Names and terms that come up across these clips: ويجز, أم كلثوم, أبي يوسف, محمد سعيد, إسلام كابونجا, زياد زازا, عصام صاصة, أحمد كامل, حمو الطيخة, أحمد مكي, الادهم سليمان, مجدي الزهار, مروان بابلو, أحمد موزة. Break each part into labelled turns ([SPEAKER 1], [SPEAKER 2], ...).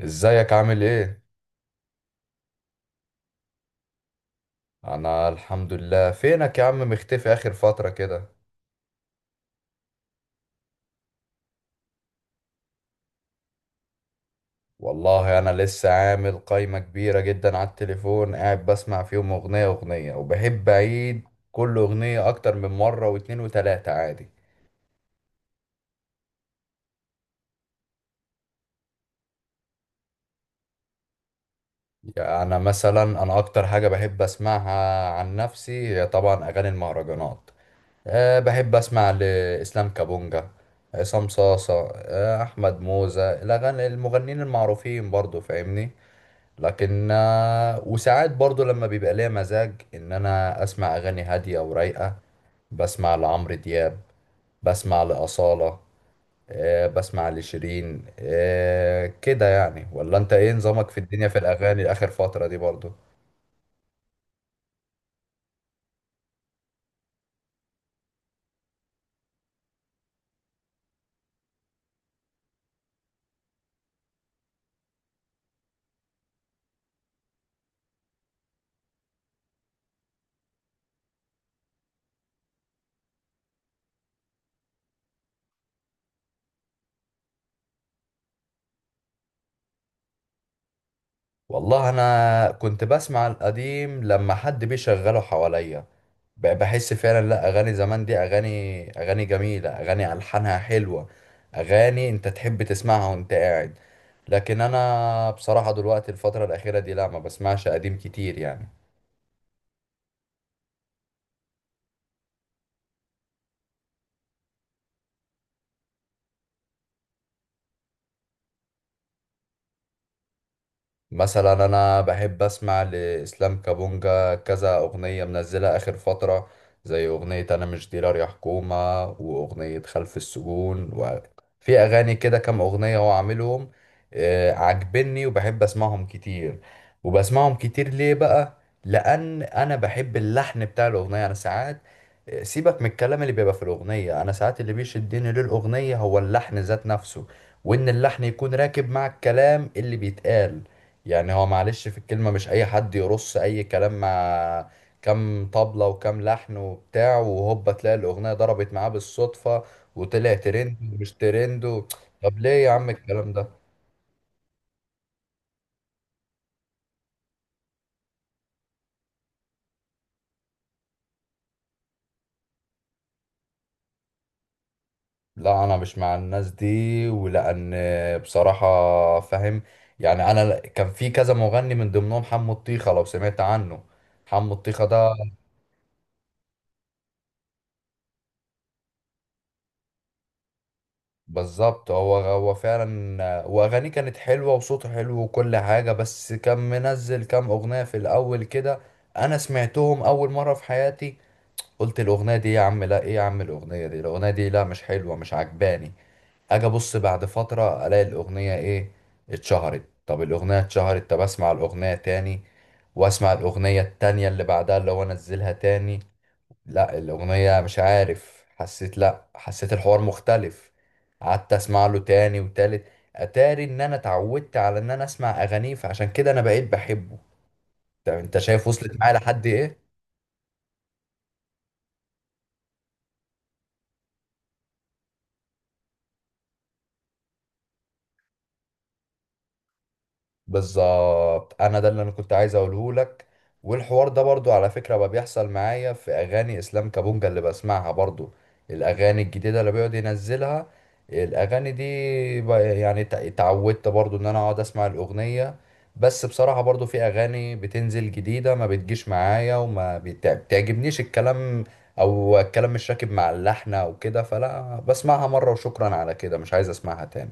[SPEAKER 1] ازيك عامل ايه؟ انا الحمد لله. فينك يا عم، مختفي اخر فترة كده. والله انا لسه عامل قايمة كبيرة جدا على التليفون، قاعد بسمع فيهم اغنية اغنية، وبحب اعيد كل اغنية اكتر من مرة واتنين وتلاتة عادي. يعني أنا مثلا، انا اكتر حاجة بحب اسمعها عن نفسي هي طبعا اغاني المهرجانات. بحب أسمع لإسلام كابونجا، عصام صاصة، أحمد موزة، الأغاني المغنيين المعروفين، برضو فاهمني. لكن وساعات برضو لما بيبقى ليا مزاج ان انا اسمع اغاني هادية ورايقة، بسمع لعمرو دياب، بسمع لأصالة، بسمع لشيرين. كده يعني. ولا انت ايه نظامك في الدنيا في الاغاني اخر فترة دي برضو؟ والله انا كنت بسمع القديم لما حد بيشغله حواليا. بحس فعلا، لا، اغاني زمان دي اغاني، اغاني جميله، اغاني الحانها حلوه، اغاني انت تحب تسمعها وانت قاعد. لكن انا بصراحه دلوقتي الفتره الاخيره دي لا، ما بسمعش قديم كتير يعني. مثلا انا بحب اسمع لاسلام كابونجا كذا اغنيه منزلها اخر فتره، زي اغنيه انا مش ديلر يا حكومه واغنيه خلف السجون، وفي اغاني كده كام اغنيه هو عاملهم عاجبني، وبحب اسمعهم كتير. وبسمعهم كتير ليه بقى؟ لان انا بحب اللحن بتاع الاغنيه. انا ساعات، سيبك من الكلام اللي بيبقى في الاغنيه، انا ساعات اللي بيشدني للاغنيه هو اللحن ذات نفسه، وان اللحن يكون راكب مع الكلام اللي بيتقال. يعني هو معلش، في الكلمة مش أي حد يرص أي كلام مع كام طبلة وكام لحن وبتاع، وهوبا تلاقي الأغنية ضربت معاه بالصدفة وطلع ترند ومش ترند و. طب ليه يا عم الكلام ده؟ لا أنا مش مع الناس دي، ولأن بصراحة، فاهم، يعني كان في كذا مغني من ضمنهم حمو الطيخة، لو سمعت عنه. حمو الطيخة ده بالظبط، هو هو فعلا، واغانيه كانت حلوه وصوته حلو وكل حاجه. بس كان منزل كام اغنيه في الاول كده، انا سمعتهم اول مره في حياتي قلت الاغنيه دي يا عم لا، ايه يا عم الاغنيه دي، الاغنيه دي لا مش حلوه، مش عجباني. اجي ابص بعد فتره الاقي الاغنيه ايه؟ اتشهرت. طب الاغنيه اتشهرت، طب اسمع الاغنيه تاني، واسمع الاغنيه التانيه اللي بعدها اللي هو نزلها تاني. لا الأغنية مش عارف حسيت، لا حسيت الحوار مختلف. قعدت أسمع له تاني وتالت. أتاري إن أنا اتعودت على إن أنا أسمع أغانيه، فعشان كده أنا بقيت بحبه. طب أنت شايف وصلت معايا لحد إيه؟ بالظبط انا ده اللي انا كنت عايز اقوله لك. والحوار ده برضو على فكرة بقى بيحصل معايا في اغاني اسلام كابونجا اللي بسمعها برضو. الاغاني الجديدة اللي بيقعد ينزلها، الاغاني دي يعني اتعودت برضو ان انا اقعد اسمع الاغنية. بس بصراحة برضو في اغاني بتنزل جديدة ما بتجيش معايا، وما بتعجبنيش الكلام، او الكلام مش راكب مع اللحن او كده، فلا بسمعها مرة وشكرا على كده، مش عايز اسمعها تاني.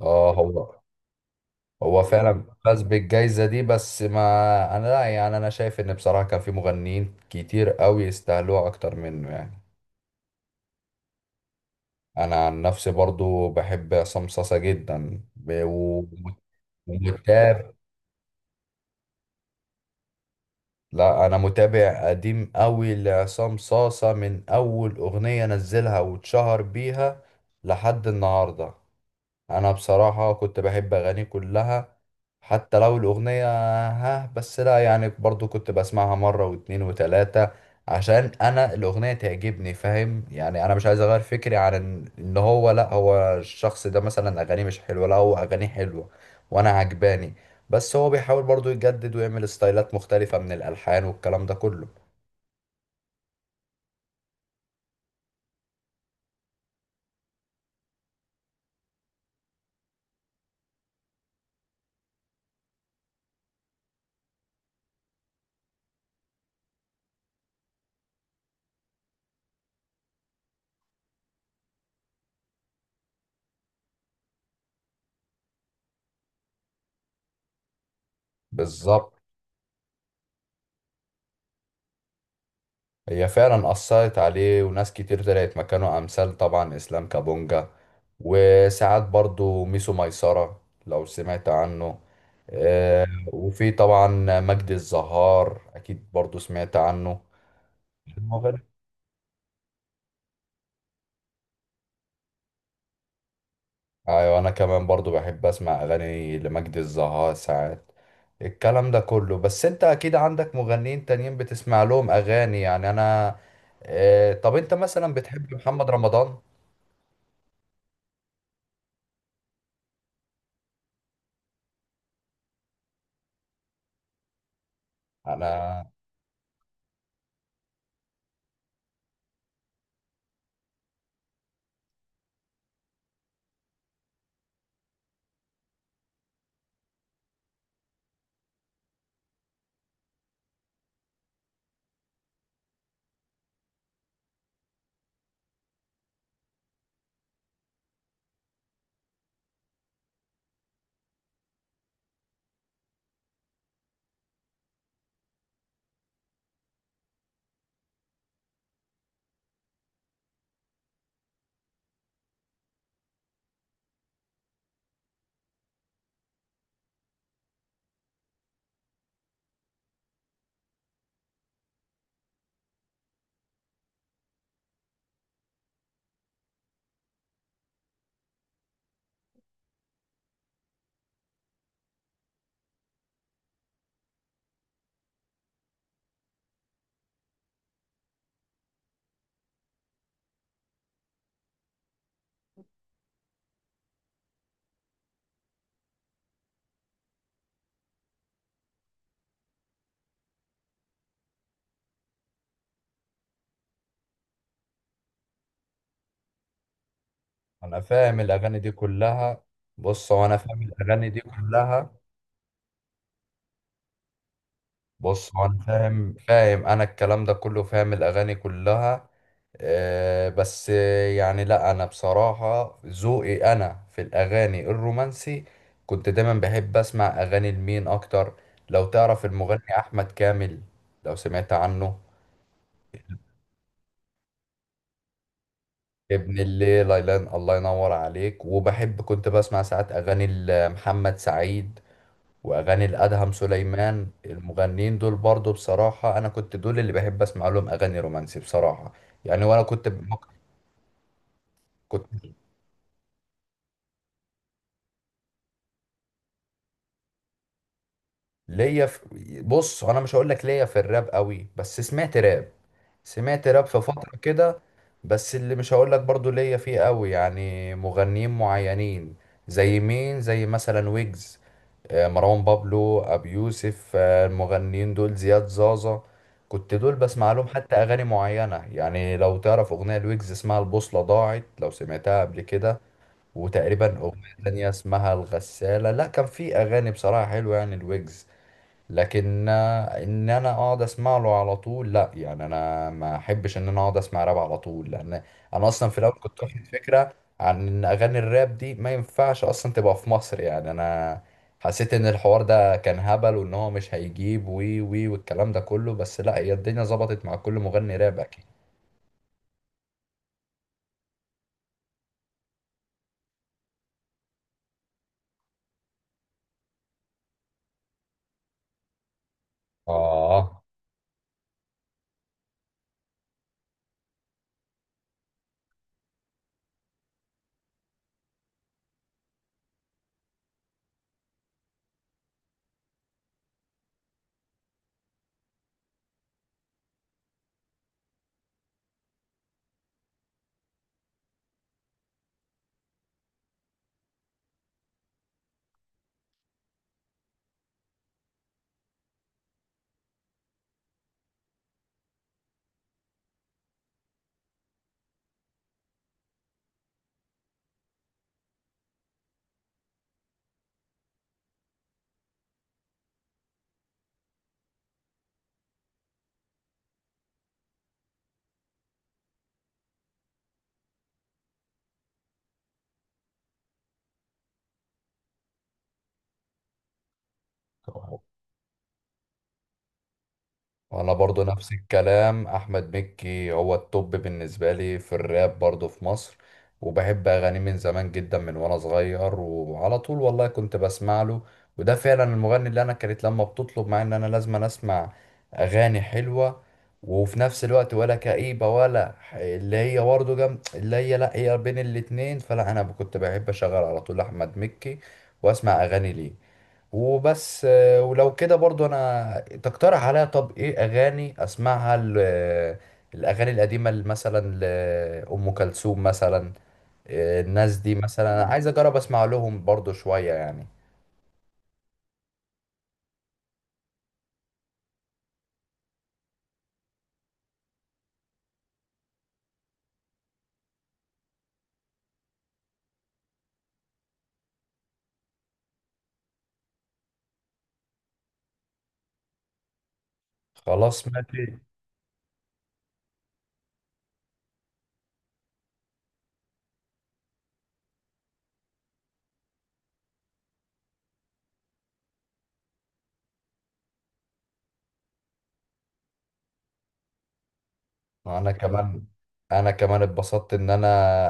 [SPEAKER 1] اه هو، هو فعلا فاز بالجايزة دي، بس ما انا لا يعني انا شايف ان بصراحة كان في مغنيين كتير قوي يستاهلوها اكتر منه يعني. انا عن نفسي برضو بحب عصام صاصا جدا، ومتابع. لا انا متابع قديم قوي لعصام صاصا من اول اغنية نزلها واتشهر بيها لحد النهاردة. انا بصراحة كنت بحب اغاني كلها حتى لو الاغنية، ها، بس لا يعني برضو كنت بسمعها مرة واتنين وتلاتة، عشان انا الاغنية تعجبني، فاهم يعني. انا مش عايز اغير فكري عن ان هو، لا هو الشخص ده مثلا اغانيه مش حلوة، لا هو اغانيه حلوة وانا عجباني. بس هو بيحاول برضو يجدد ويعمل ستايلات مختلفة من الالحان والكلام ده كله. بالظبط، هي فعلا أثرت عليه. وناس كتير طلعت مكانه أمثال طبعا إسلام كابونجا، وساعات برضو ميسو ميسرة لو سمعت عنه. آه، وفي طبعا مجدي الزهار أكيد برضو سمعت عنه، المغني. أيوة أنا كمان برضو بحب أسمع أغاني لمجدي الزهار ساعات، الكلام ده كله. بس أنت أكيد عندك مغنيين تانيين بتسمع لهم أغاني، يعني أنا طب أنت مثلا بتحب محمد رمضان؟ أنا. انا فاهم الاغاني دي كلها. بص هو انا فاهم الاغاني دي كلها. بص هو انا فاهم انا الكلام ده كله، فاهم الاغاني كلها. آه بس، يعني لا انا بصراحة ذوقي انا في الاغاني الرومانسي، كنت دايما بحب اسمع اغاني لمين اكتر؟ لو تعرف المغني احمد كامل، لو سمعت عنه. ابن الليل، الله ينور عليك. وبحب كنت بسمع ساعات اغاني محمد سعيد، واغاني الادهم سليمان. المغنيين دول برضو بصراحه انا كنت دول اللي بحب اسمع لهم اغاني رومانسي بصراحه. يعني وانا كنت. ليا في، بص انا مش هقول لك ليا في الراب قوي، بس سمعت راب، سمعت راب في فتره كده. بس اللي مش هقول لك برضو ليا فيه قوي، يعني مغنيين معينين، زي مين، زي مثلا ويجز، مروان بابلو، ابي يوسف، المغنيين دول، زياد زازا. كنت دول بسمع لهم حتى اغاني معينه، يعني لو تعرف اغنيه لويجز اسمها البوصله ضاعت لو سمعتها قبل كده، وتقريبا اغنيه تانية اسمها الغساله. لا كان في اغاني بصراحه حلوه يعني الويجز. لكن ان انا اقعد اسمع له على طول لا، يعني انا ما احبش ان انا اقعد اسمع راب على طول، لان انا اصلا في الاول كنت واخد فكره عن ان اغاني الراب دي ما ينفعش اصلا تبقى في مصر. يعني انا حسيت ان الحوار ده كان هبل وان هو مش هيجيب وي وي والكلام ده كله، بس لا هي الدنيا ظبطت مع كل مغني راب اكيد. اه، وانا برضو نفس الكلام. احمد مكي هو التوب بالنسبه لي في الراب برضو في مصر. وبحب اغانيه من زمان جدا من وانا صغير وعلى طول والله كنت بسمع له. وده فعلا المغني اللي انا كانت لما بتطلب معايا ان انا لازم أنا اسمع اغاني حلوه وفي نفس الوقت ولا كئيبه، ولا اللي هي برضه جم، اللي هي لا، هي بين الاتنين، فلا انا كنت بحب اشغل على طول احمد مكي واسمع اغاني ليه. وبس ولو كده برضو انا تقترح عليا طب ايه اغاني اسمعها؟ الاغاني القديمه اللي مثلا لام كلثوم مثلا، الناس دي مثلا انا عايز اجرب اسمع لهم برضو شويه يعني. خلاص ماشي. انا كمان، انا كمان اتبسطت ان انا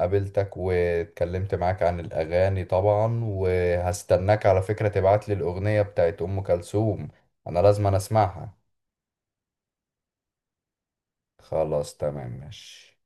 [SPEAKER 1] قابلتك واتكلمت معاك عن الاغاني طبعا. وهستناك على فكره تبعت لي الاغنيه بتاعت ام كلثوم، انا لازم أنا اسمعها. خلاص تمام ماشي.